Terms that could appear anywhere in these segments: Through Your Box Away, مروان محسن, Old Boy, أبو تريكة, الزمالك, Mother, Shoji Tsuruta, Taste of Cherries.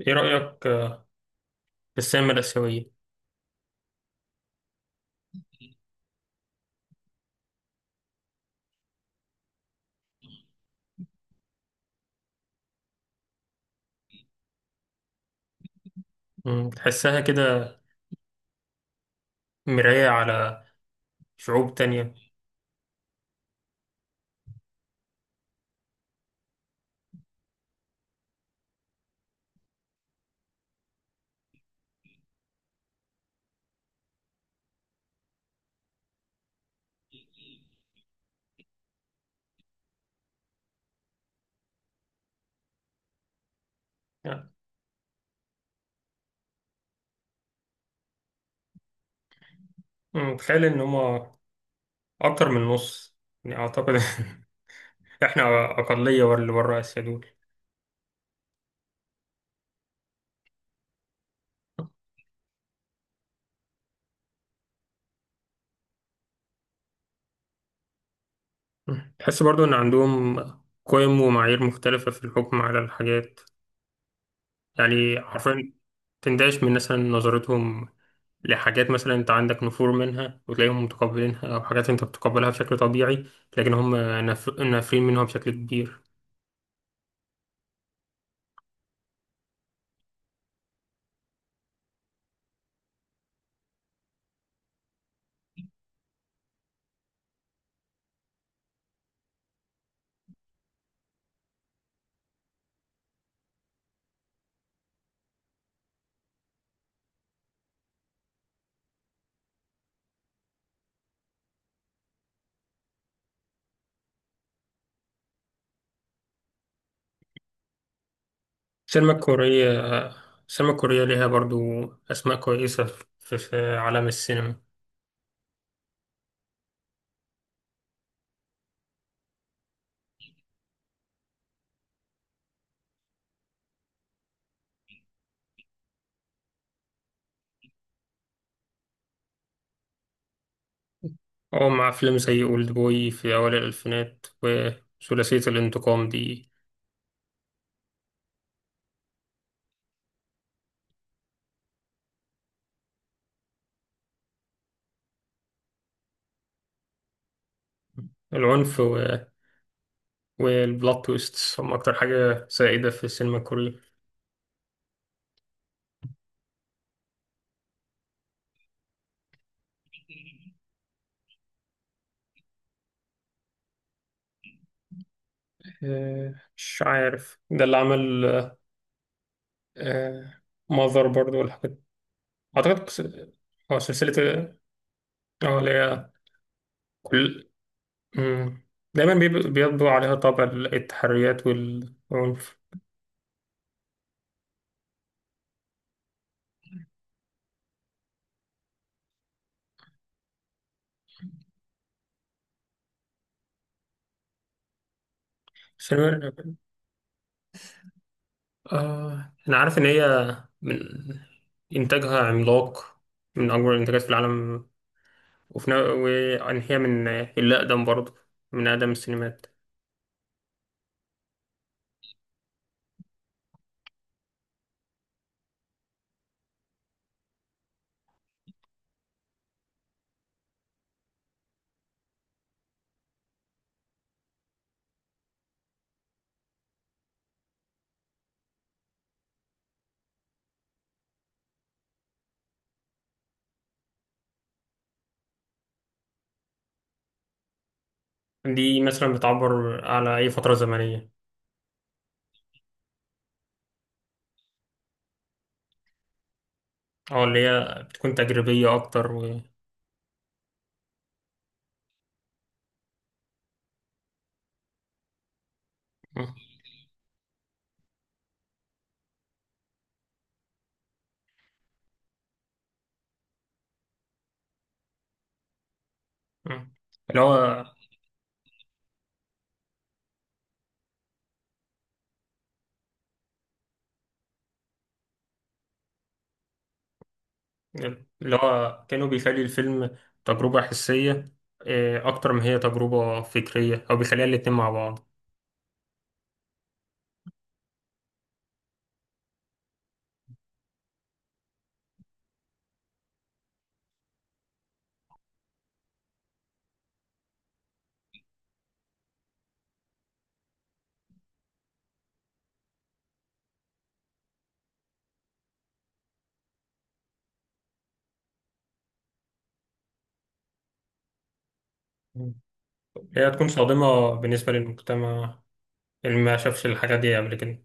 ايه رأيك في السينما الآسيوية؟ تحسها كده، مراية على شعوب تانية. يعني، تخيل إن هما أكتر من نص، يعني أعتقد إحنا أقلية ورا اللي برا آسيا دول. تحس برضو إن عندهم قيم ومعايير مختلفة في الحكم على الحاجات، يعني حرفيا تندهش من مثلا نظرتهم لحاجات مثلا انت عندك نفور منها وتلاقيهم متقبلينها، او حاجات انت بتقبلها بشكل طبيعي لكن هم نافرين منها بشكل كبير. السينما الكورية السينما الكورية ليها برضو أسماء كويسة في عالم السينما، أو مع أفلام زي أولد بوي في أوائل الألفينات وثلاثية الانتقام دي. العنف والبلوت تويست هم أكتر حاجة سائدة في السينما الكورية. مش عارف ده اللي عمل ماذر برضو والحاجات، أعتقد هو سلسلة. اه اللي هي كل. مم. دايما بيطبع عليها طابع التحريات والعنف. سينما آه أنا عارف إن هي من إنتاجها عملاق، من أكبر الإنتاجات في العالم، وفي نا- وإن هي من الأقدم برضه، من أقدم السينمات. دي مثلا بتعبر على أي فترة زمنية؟ أو اللي هي بتكون تجريبية أكتر و... م- م. اللي هو اللي هو كانوا بيخلي الفيلم تجربة حسية، أكتر ما هي تجربة فكرية أو بيخليها الاتنين مع بعض م. هي تكون صادمة بالنسبة للمجتمع اللي ما شافش الحاجات دي قبل كده.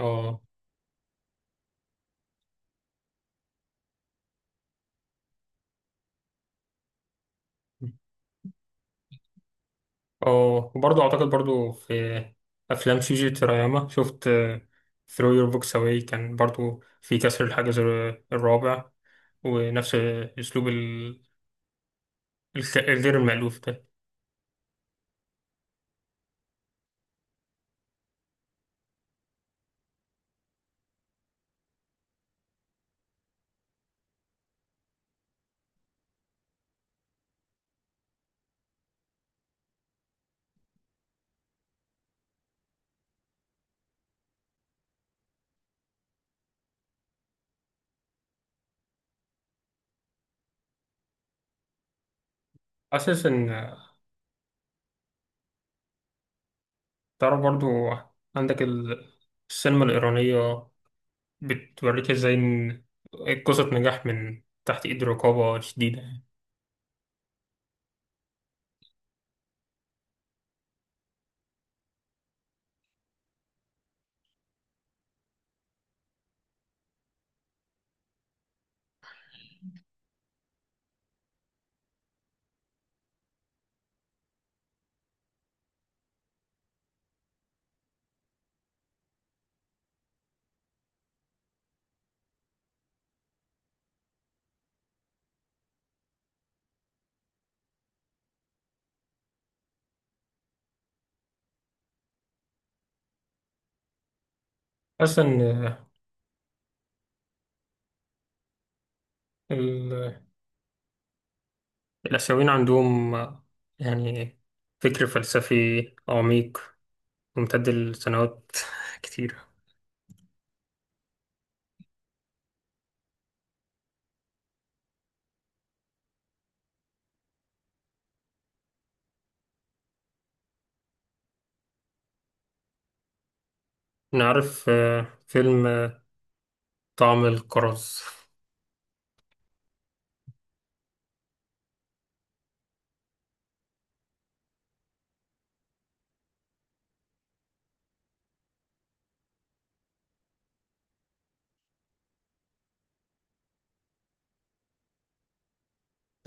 اه، اه وبرضه اعتقد برضه في افلام شيجي تراياما، شفت ثرو يور بوكس اواي كان برضه في كسر الحاجز الرابع ونفس اسلوب الغير المألوف ده. حاسس ان ترى برضه عندك السينما الايرانيه بتوريك ازاي إن قصه نجاح من تحت ايد رقابه شديده. حاسس ان الآسيويين عندهم يعني فكر فلسفي عميق ممتد لسنوات كتيرة. نعرف فيلم طعم الكرز.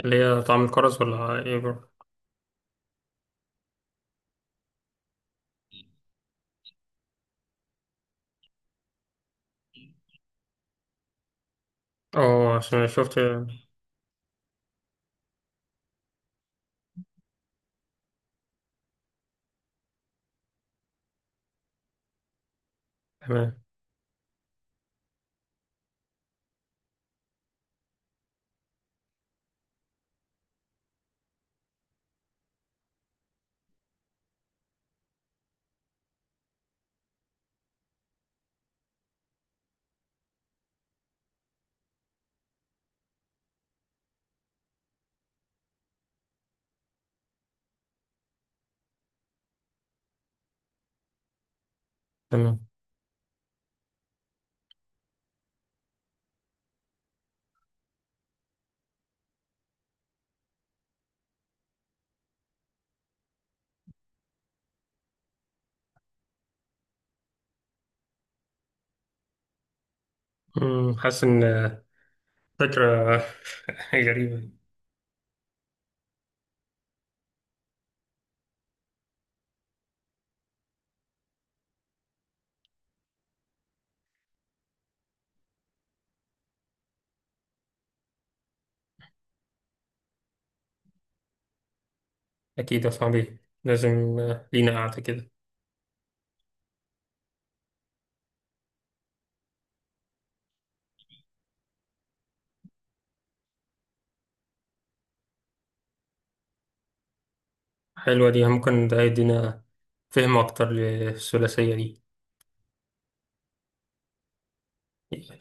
اللي هي طعم الكرز ولا ايه بro؟ اه، عشان شفت. تمام، تمام. حاسس ان فكرة غريبة. أكيد يا صاحبي، لازم لينا قعدة كده. حلوة دي، ممكن ده يدينا فهم أكتر للثلاثية دي.